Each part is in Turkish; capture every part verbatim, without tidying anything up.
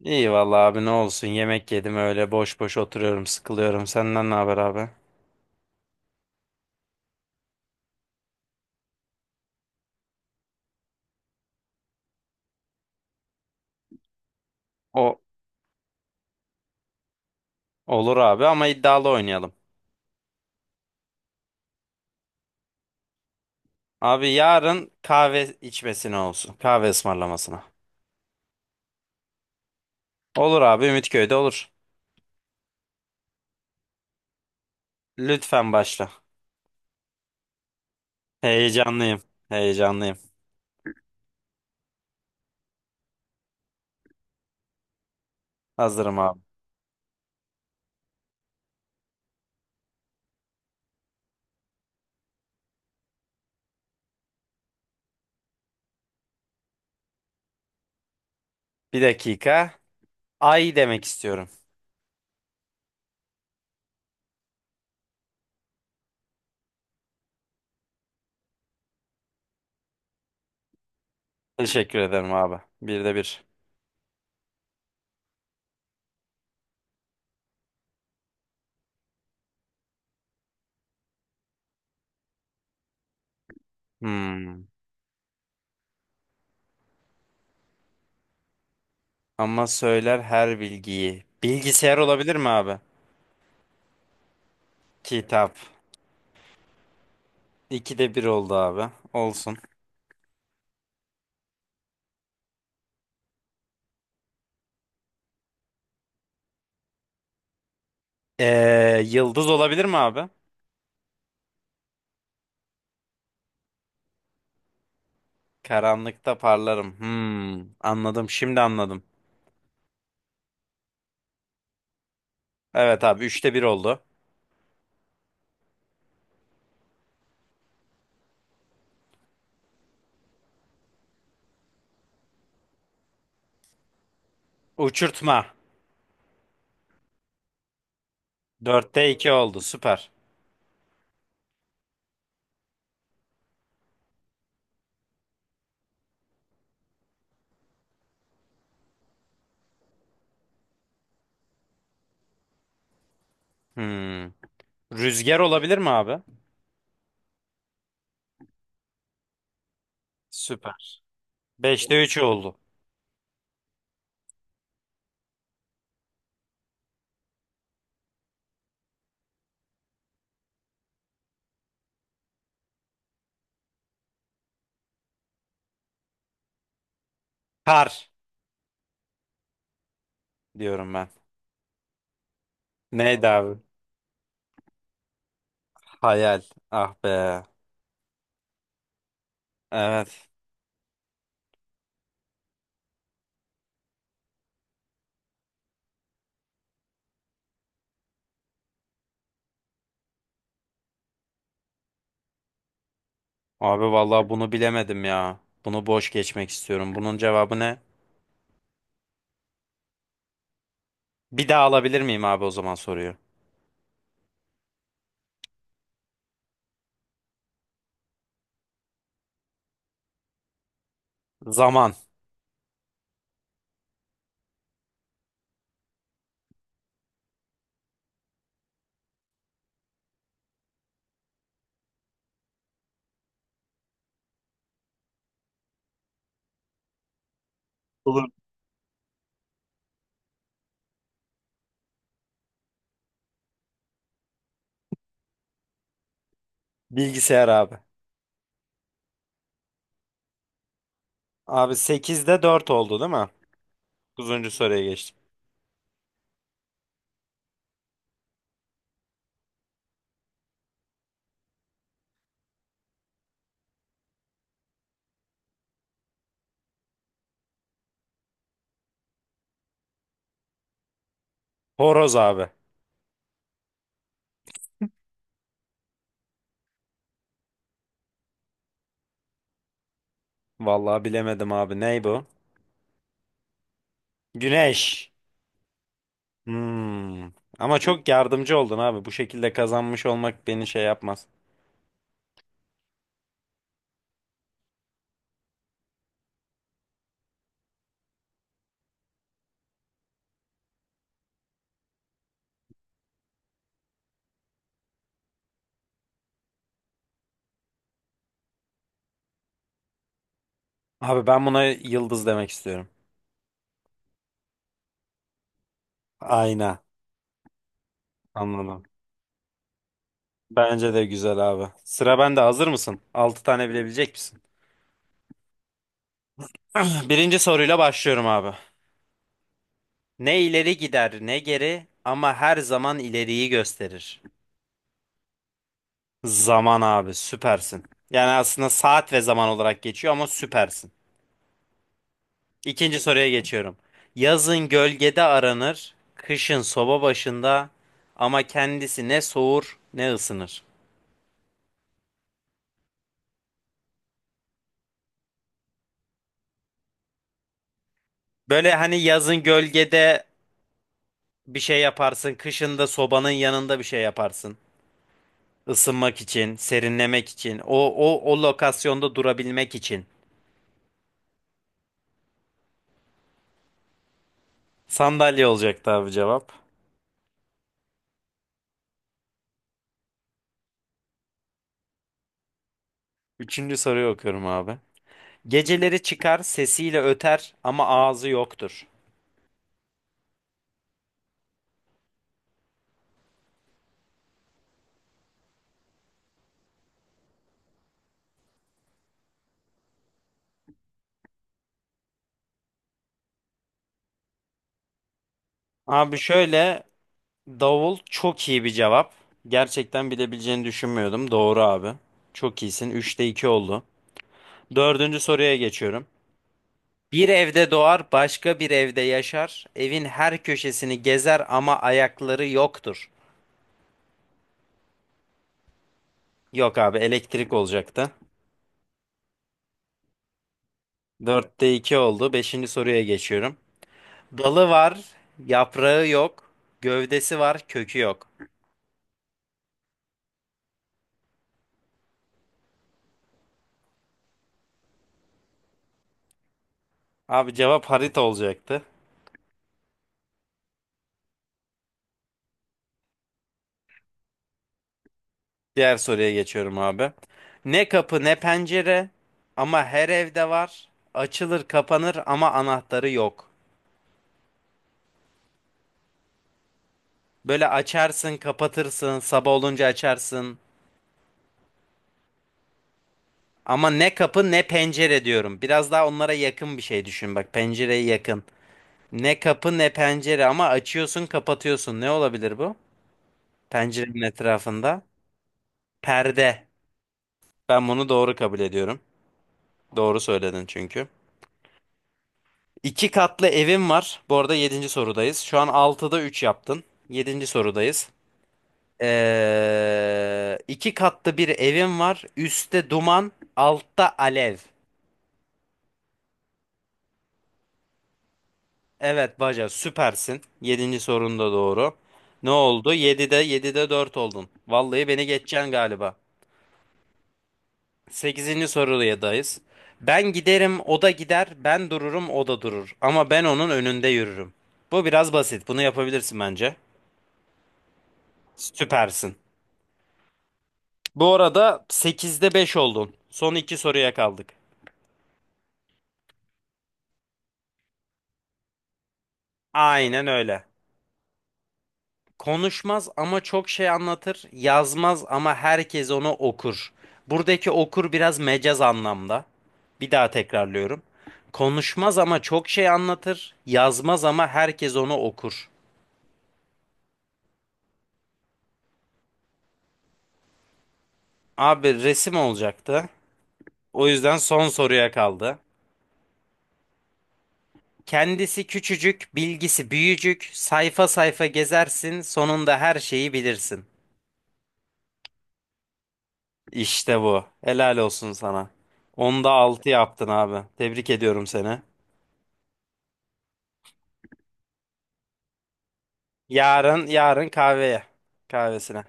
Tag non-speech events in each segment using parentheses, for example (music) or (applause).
İyi vallahi abi ne olsun, yemek yedim, öyle boş boş oturuyorum, sıkılıyorum. Senden ne haber abi? O olur abi, ama iddialı oynayalım. Abi yarın kahve içmesine olsun. Kahve ısmarlamasına. Olur abi, Ümitköy'de olur. Lütfen başla. Heyecanlıyım. Heyecanlıyım. Hazırım abi. Bir dakika. Ay demek istiyorum. Teşekkür ederim abi. Bir de bir. Hmm. Ama söyler her bilgiyi. Bilgisayar olabilir mi abi? Kitap. İkide bir oldu abi. Olsun. Ee, yıldız olabilir mi abi? Karanlıkta parlarım. Hmm, anladım. Şimdi anladım. Evet abi, üçte bir oldu. Uçurtma. Dörtte iki oldu. Süper. Hmm. Rüzgar olabilir mi abi? Süper. Beşte üç oldu. Kar diyorum ben. Neydi abi? Hayal. Ah be. Evet. Abi vallahi bunu bilemedim ya. Bunu boş geçmek istiyorum. Bunun cevabı ne? Bir daha alabilir miyim abi, o zaman, soruyu? Zaman. Olur. Bilgisayar abi. Abi sekizde dört oldu değil mi? dokuzuncu soruya geçtim. Horoz abi. Vallahi bilemedim abi. Ney bu? Güneş. Hmm. Ama çok yardımcı oldun abi. Bu şekilde kazanmış olmak beni şey yapmaz. Abi ben buna yıldız demek istiyorum. Ayna. Anladım. Bence de güzel abi. Sıra bende. Hazır mısın? Altı tane bilebilecek misin? (clears throat) Birinci soruyla başlıyorum abi. Ne ileri gider ne geri, ama her zaman ileriyi gösterir. Zaman abi, süpersin. Yani aslında saat ve zaman olarak geçiyor ama süpersin. İkinci soruya geçiyorum. Yazın gölgede aranır, kışın soba başında, ama kendisi ne soğur ne ısınır. Böyle hani yazın gölgede bir şey yaparsın, kışın da sobanın yanında bir şey yaparsın. Isınmak için, serinlemek için, o o o lokasyonda durabilmek için. Sandalye olacaktı abi, cevap. Üçüncü soruyu okuyorum abi. Geceleri çıkar, sesiyle öter ama ağzı yoktur. Abi şöyle, davul çok iyi bir cevap. Gerçekten bilebileceğini düşünmüyordum. Doğru abi. Çok iyisin. Üçte iki oldu. Dördüncü soruya geçiyorum. Bir evde doğar, başka bir evde yaşar. Evin her köşesini gezer ama ayakları yoktur. Yok abi, elektrik olacaktı. Dörtte iki oldu. Beşinci soruya geçiyorum. Dalı var, yaprağı yok. Gövdesi var, kökü yok. Abi cevap harita olacaktı. Diğer soruya geçiyorum abi. Ne kapı ne pencere ama her evde var. Açılır kapanır ama anahtarı yok. Böyle açarsın kapatırsın, sabah olunca açarsın. Ama ne kapı ne pencere diyorum. Biraz daha onlara yakın bir şey düşün, bak pencereye yakın. Ne kapı ne pencere ama açıyorsun kapatıyorsun. Ne olabilir bu? Pencerenin etrafında. Perde. Ben bunu doğru kabul ediyorum. Doğru söyledin çünkü. İki katlı evim var. Bu arada yedinci sorudayız. Şu an altıda üç yaptın. Yedinci sorudayız. Ee, iki katlı bir evim var. Üstte duman, altta alev. Evet, baca, süpersin. Yedinci sorun da doğru. Ne oldu? 7'de yedide dört oldun. Vallahi beni geçeceksin galiba. Sekizinci sorudayız. Ben giderim, o da gider. Ben dururum, o da durur. Ama ben onun önünde yürürüm. Bu biraz basit. Bunu yapabilirsin bence. Süpersin. Bu arada sekizde beş oldun. Son iki soruya kaldık. Aynen öyle. Konuşmaz ama çok şey anlatır. Yazmaz ama herkes onu okur. Buradaki okur biraz mecaz anlamda. Bir daha tekrarlıyorum. Konuşmaz ama çok şey anlatır. Yazmaz ama herkes onu okur. Abi resim olacaktı. O yüzden son soruya kaldı. Kendisi küçücük, bilgisi büyücük. Sayfa sayfa gezersin, sonunda her şeyi bilirsin. İşte bu. Helal olsun sana. Onda altı yaptın abi. Tebrik ediyorum seni. Yarın yarın kahveye. Kahvesine.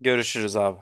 Görüşürüz abi.